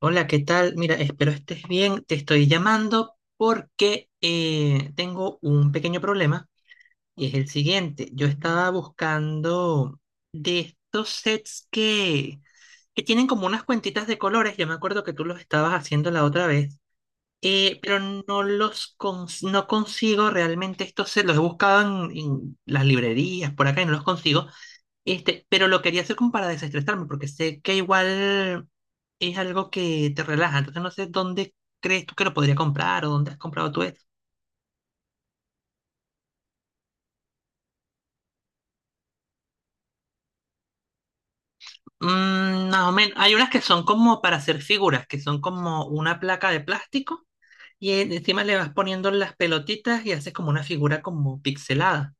Hola, ¿qué tal? Mira, espero estés bien. Te estoy llamando porque tengo un pequeño problema y es el siguiente. Yo estaba buscando de estos sets que tienen como unas cuentitas de colores. Yo me acuerdo que tú los estabas haciendo la otra vez, pero no consigo realmente estos sets. Los he buscado en las librerías por acá y no los consigo. Este, pero lo quería hacer como para desestresarme, porque sé que igual es algo que te relaja. Entonces no sé dónde crees tú que lo podría comprar o dónde has comprado tú esto. Mm, más o menos. Hay unas que son como para hacer figuras, que son como una placa de plástico y encima le vas poniendo las pelotitas y haces como una figura como pixelada.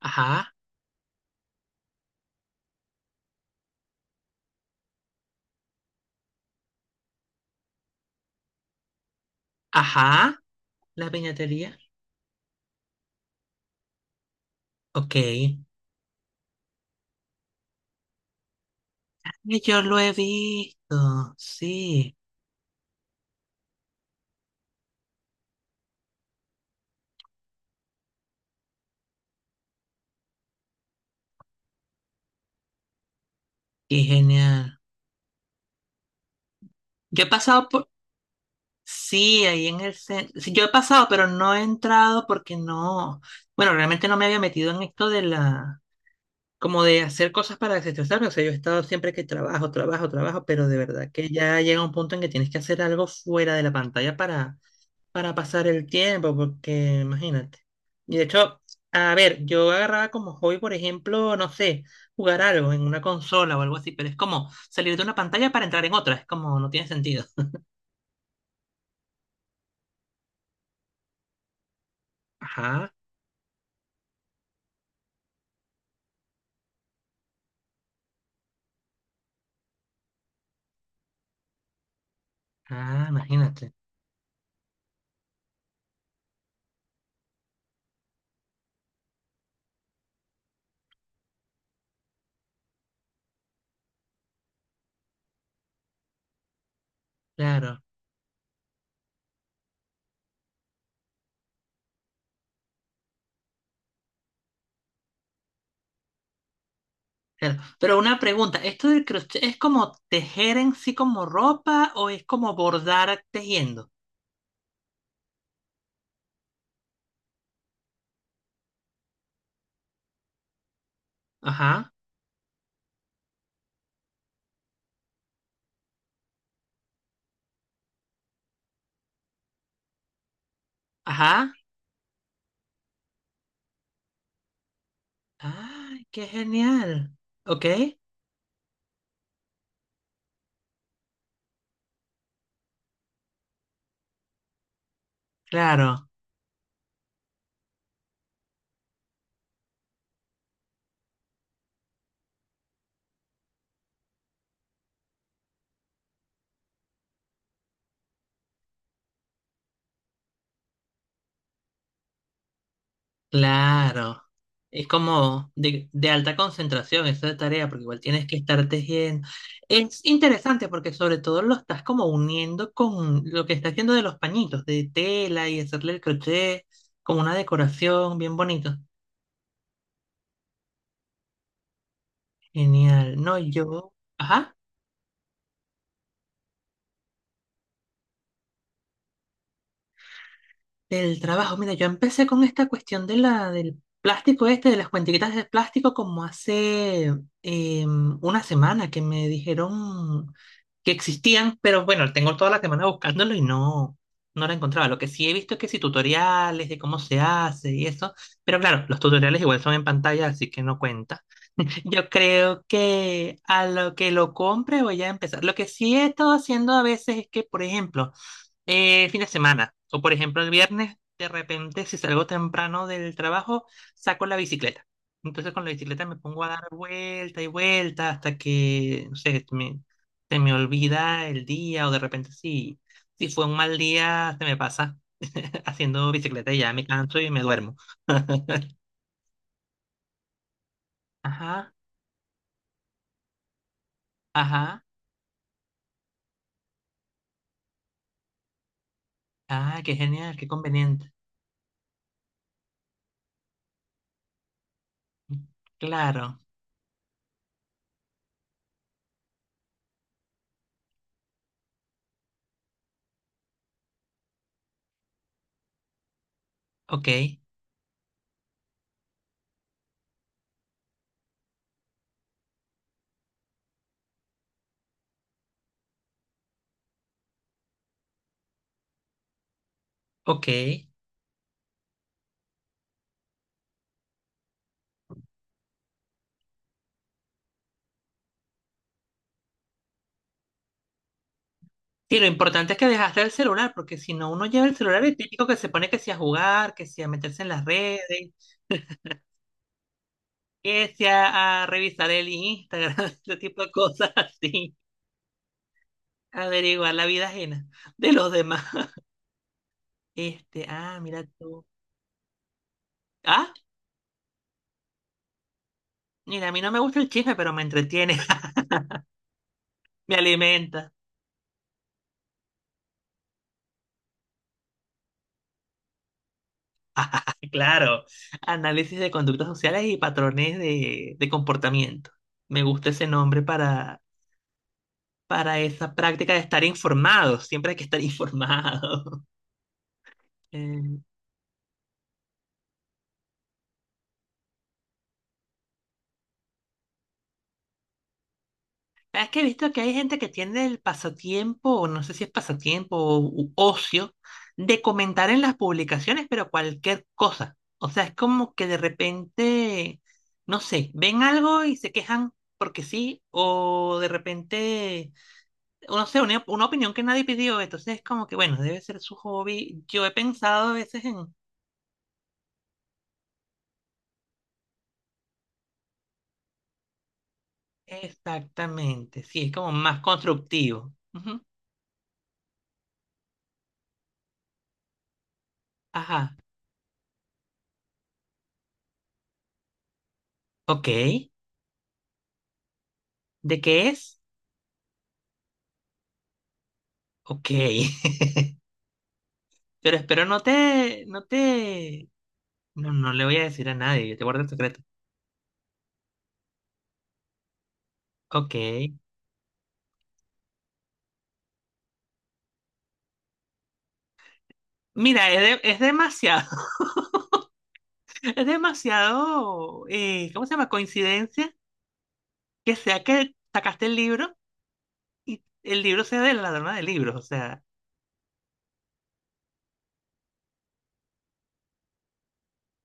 Ajá, ajá, la piñatería. Ok. Y yo lo he visto, sí, qué genial. Yo he pasado por, sí, ahí en el centro. Yo he pasado, pero no he entrado porque no. Bueno, realmente no me había metido en esto de la. Como de hacer cosas para desestresarme. O sea, yo he estado siempre que trabajo, trabajo, trabajo, pero de verdad que ya llega un punto en que tienes que hacer algo fuera de la pantalla para pasar el tiempo, porque imagínate. Y de hecho, a ver, yo agarraba como hobby, por ejemplo, no sé, jugar algo en una consola o algo así, pero es como salir de una pantalla para entrar en otra. Es como no tiene sentido. Ajá. Ah, imagínate. Claro, claro. Pero una pregunta, ¿esto del crochet es como tejer en sí como ropa o es como bordar tejiendo? Ajá, ajá. ¡Ay, qué genial! ¿Ok? Claro, claro. Es como de alta concentración esa tarea, porque igual tienes que estar tejiendo. Es interesante porque sobre todo lo estás como uniendo con lo que estás haciendo de los pañitos, de tela y hacerle el crochet como una decoración bien bonito. Genial. No, yo, ajá, del trabajo. Mira, yo empecé con esta cuestión del plástico este, de las cuentiquitas de plástico, como hace eh, una semana que me dijeron que existían, pero bueno, tengo toda la semana buscándolo y no, no la encontraba. Lo que sí he visto es que sí, tutoriales de cómo se hace y eso, pero claro, los tutoriales igual son en pantalla, así que no cuenta. Yo creo que a lo que lo compre voy a empezar. Lo que sí he estado haciendo a veces es que, por ejemplo, fin de semana. O por ejemplo, el viernes, de repente, si salgo temprano del trabajo, saco la bicicleta. Entonces con la bicicleta me pongo a dar vuelta y vuelta hasta que, no sé, me, se me olvida el día o de repente si fue un mal día, se me pasa haciendo bicicleta y ya me canso y me duermo. Ajá, ajá. Ah, qué genial, qué conveniente. Claro. Ok, ok. Sí, lo importante es que dejaste el celular, porque si no uno lleva el celular, el típico que se pone que si a jugar, que si a meterse en las redes, que si a revisar el Instagram, ese tipo de cosas así, averiguar la vida ajena de los demás. Este, ah, mira tú. Ah, mira, a mí no me gusta el chisme, pero me entretiene, me alimenta. Claro, análisis de conductas sociales y patrones de comportamiento. Me gusta ese nombre para esa práctica de estar informado. Siempre hay que estar informado. Eh, es que he visto que hay gente que tiene el pasatiempo, o no sé si es pasatiempo o ocio, de comentar en las publicaciones, pero cualquier cosa. O sea, es como que de repente, no sé, ven algo y se quejan porque sí, o de repente, no sé, una opinión que nadie pidió. Entonces es como que, bueno, debe ser su hobby. Yo he pensado a veces en exactamente, sí, es como más constructivo. Ujú. Ajá, ok. ¿De qué es? Ok. Pero espero no te, no, no le voy a decir a nadie, yo te guardo el secreto. Ok. Mira, es demasiado, es demasiado, ¿cómo se llama? Coincidencia que sea que sacaste el libro y el libro sea de La Ladrona de Libros, o sea,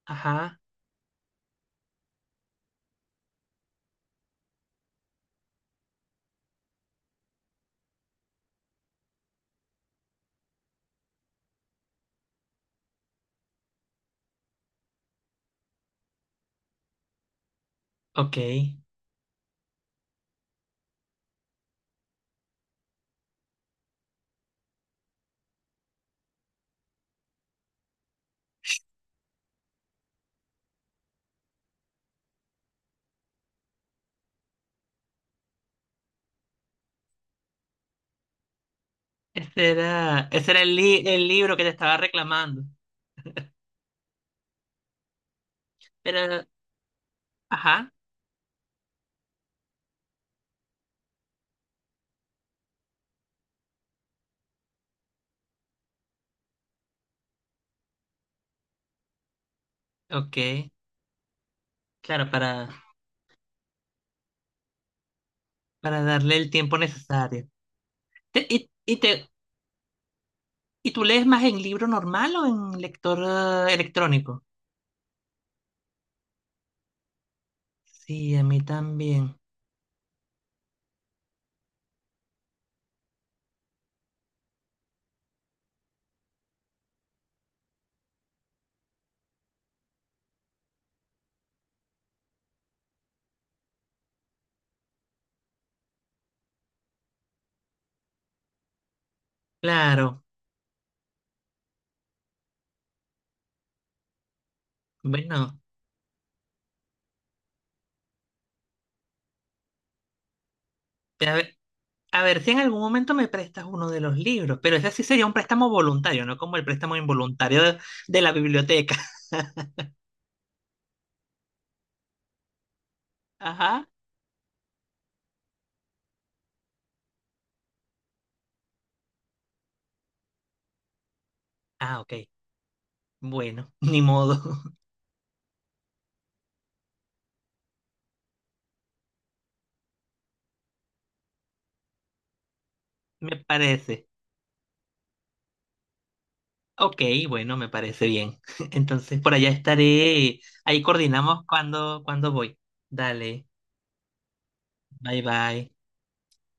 ajá, ok. Ese era el libro que te estaba reclamando, pero, ajá. Ok, claro, para darle el tiempo necesario. Te- y, y te, ¿Y tú lees más en libro normal o en lector electrónico? Sí, a mí también. Claro, bueno, a ver, a ver si en algún momento me prestas uno de los libros, pero ese sí sería un préstamo voluntario, no como el préstamo involuntario de la biblioteca. Ajá. Ah, ok, bueno, ni modo, me parece. Ok, bueno, me parece bien. Entonces, por allá estaré. Ahí coordinamos cuando, cuando voy. Dale, bye bye.